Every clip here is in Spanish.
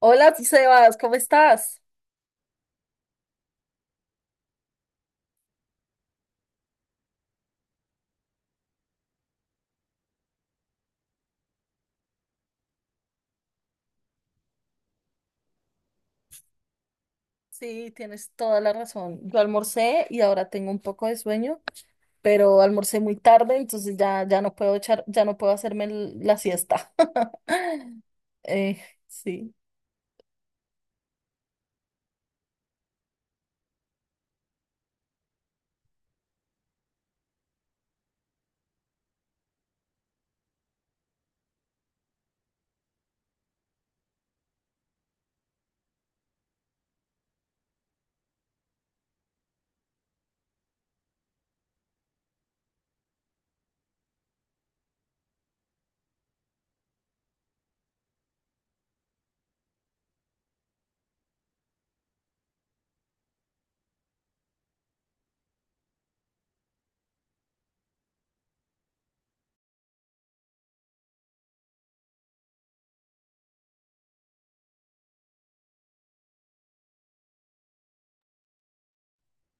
Hola, Sebas, ¿cómo estás? Sí, tienes toda la razón. Yo almorcé y ahora tengo un poco de sueño, pero almorcé muy tarde, entonces ya no puedo echar, ya no puedo hacerme la siesta. Eh, sí.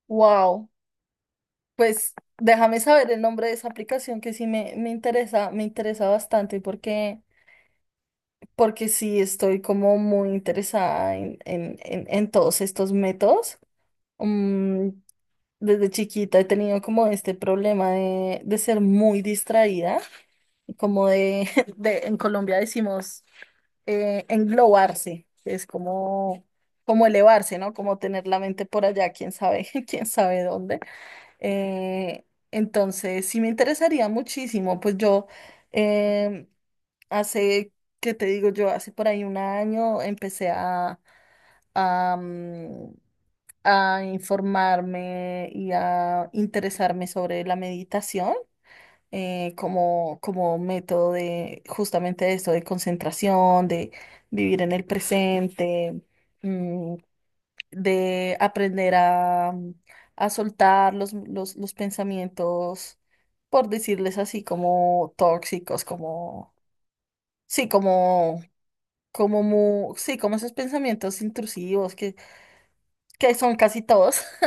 Wow. Pues déjame saber el nombre de esa aplicación que sí me interesa bastante porque, porque sí estoy como muy interesada en todos estos métodos. Mm, Desde chiquita he tenido como este problema de ser muy distraída, como de, de en Colombia decimos englobarse, que es como, como elevarse, ¿no? Como tener la mente por allá, quién sabe, quién sabe dónde. Eh, entonces, sí me interesaría muchísimo, pues yo eh, hace, ¿qué te digo yo? Hace por ahí un año empecé a, mm, a informarme y a interesarme sobre la meditación, como, como método de justamente esto, de concentración, de vivir en el presente, mm, de aprender a soltar los pensamientos, por decirles así, como tóxicos, como, sí, como... sí, como esos pensamientos intrusivos que son casi todos.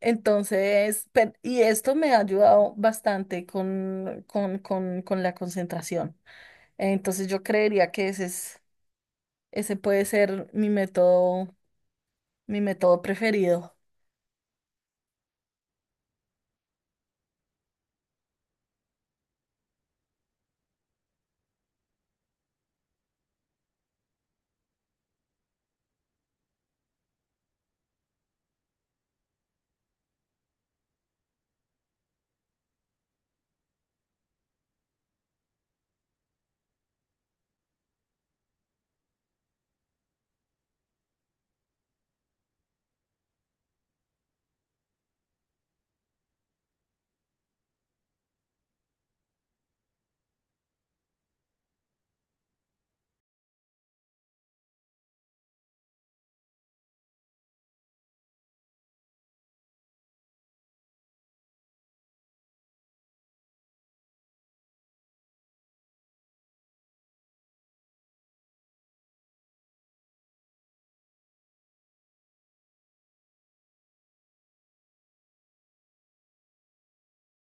Entonces, y esto me ha ayudado bastante con la concentración. Entonces, yo creería que ese es, ese puede ser mi método preferido.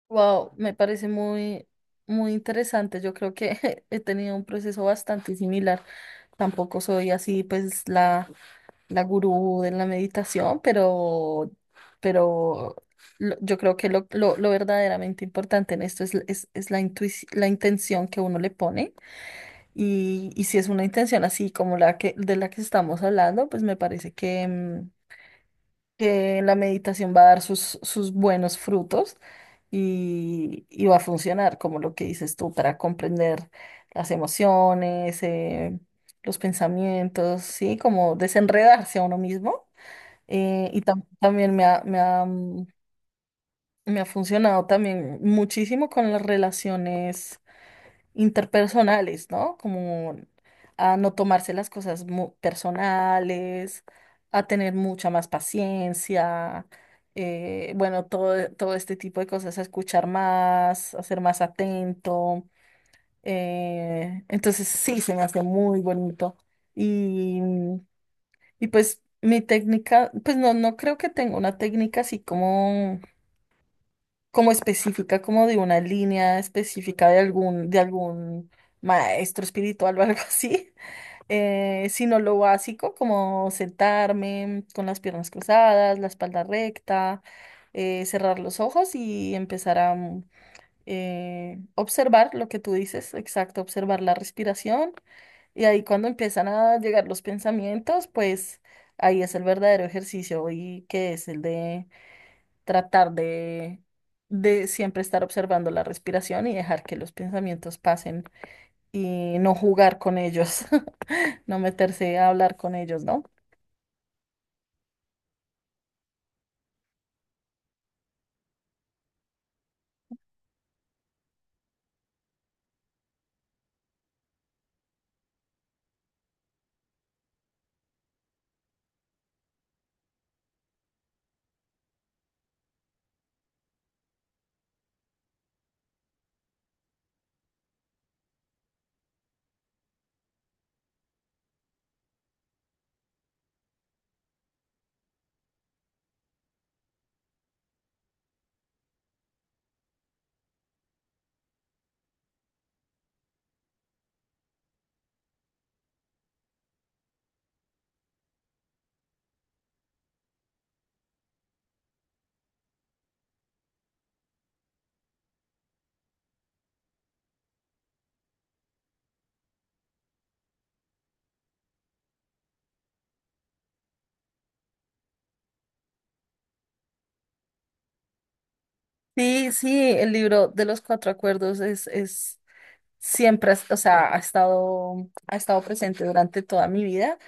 Wow, me parece muy, muy interesante. Yo creo que he tenido un proceso bastante similar. Tampoco soy así, pues, la la gurú de la meditación, pero yo creo que lo verdaderamente importante en esto es, es la intención que uno le pone y si es una intención así como la que, de la que estamos hablando, pues me parece que, mm, que la meditación va a dar sus, sus buenos frutos y va a funcionar, como lo que dices tú, para comprender las emociones, los pensamientos, ¿sí? Como desenredarse a uno mismo. Y también me ha, mm, me ha funcionado también muchísimo con las relaciones interpersonales, ¿no? Como a no tomarse las cosas personales, a tener mucha más paciencia, bueno, todo, todo este tipo de cosas, a escuchar más, a ser más atento. Entonces sí, se me hace muy bonito. Y pues mi técnica, pues no, no creo que tenga una técnica así como, como específica, como de una línea específica de algún maestro espiritual o algo así, sino lo básico, como sentarme con las piernas cruzadas, la espalda recta, cerrar los ojos y empezar a observar lo que tú dices, exacto, observar la respiración y ahí cuando empiezan a llegar los pensamientos, pues ahí es el verdadero ejercicio y que es el de tratar de siempre estar observando la respiración y dejar que los pensamientos pasen y no jugar con ellos, no meterse a hablar con ellos, ¿no? Sí, sí, el libro de los cuatro acuerdos es siempre, o sea, ha estado presente durante toda mi vida,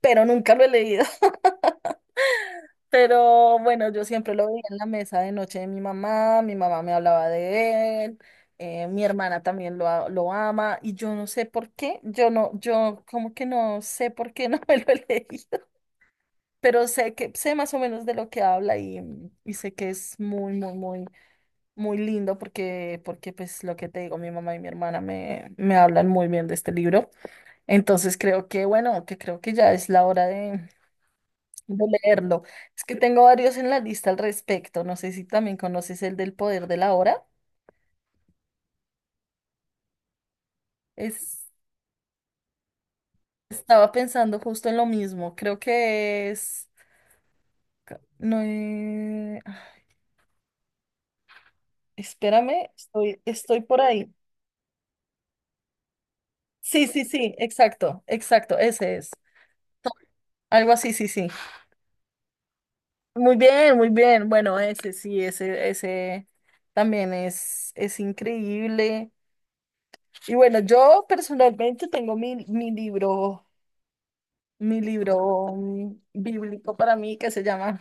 pero nunca lo he leído. Pero bueno, yo siempre lo veía en la mesa de noche de mi mamá me hablaba de él, mi hermana también lo ama y yo no sé por qué, yo como que no sé por qué no me lo he leído, pero sé que sé más o menos de lo que habla y sé que es muy, muy, muy, muy lindo porque, porque pues lo que te digo, mi mamá y mi hermana me hablan muy bien de este libro. Entonces creo que, bueno, que creo que ya es la hora de leerlo. Es que tengo varios en la lista al respecto. No sé si también conoces el del poder de la hora. Es, estaba pensando justo en lo mismo. Creo que es... No, ah, espérame, estoy, estoy por ahí. Sí, sí, sí, exacto, exacto, ese es. Algo así, sí, sí. Muy bien, muy bien. Bueno, ese sí, ese también es increíble. Y bueno, yo personalmente tengo mi, mi libro bíblico para mí, que se llama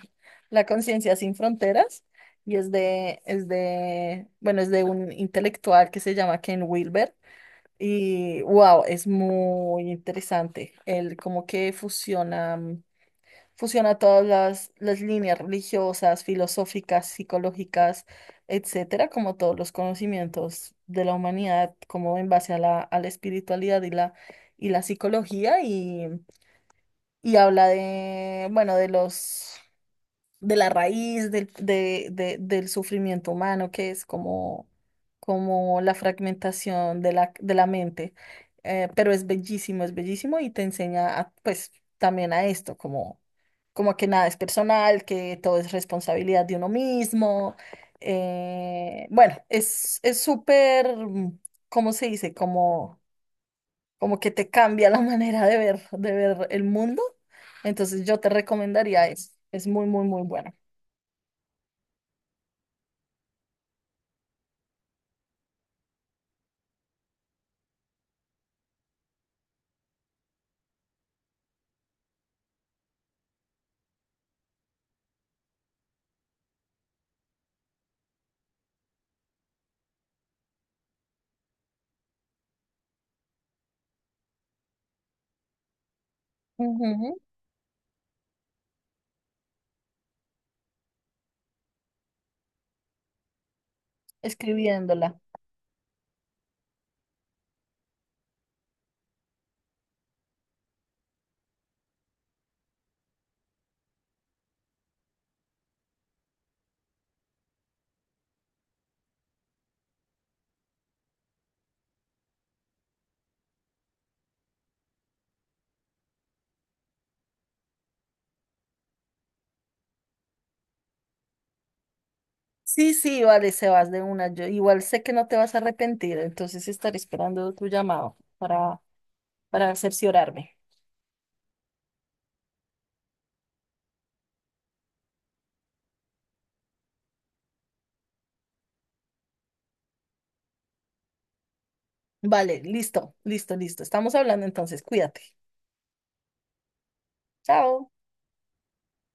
La conciencia sin fronteras, y es de, bueno, es de un intelectual que se llama Ken Wilber y wow, es muy interesante. Él como que fusiona, mm, fusiona todas las líneas religiosas, filosóficas, psicológicas, etcétera, como todos los conocimientos de la humanidad, como en base a la espiritualidad y la psicología y habla de, bueno, de los, de la raíz del, del sufrimiento humano, que es como, como la fragmentación de la mente. Pero es bellísimo y te enseña a, pues también a esto, como, como que nada es personal, que todo es responsabilidad de uno mismo. Bueno, es súper, ¿cómo se dice? Como como que te cambia la manera de ver el mundo. Entonces yo te recomendaría eso. Es muy, muy, muy bueno. Ujú. Escribiéndola. Sí, sí, vale, Sebas, de una. Yo igual sé que no te vas a arrepentir, entonces estaré esperando tu llamado para cerciorarme. Vale, listo, listo, listo. Estamos hablando entonces, cuídate. Chao.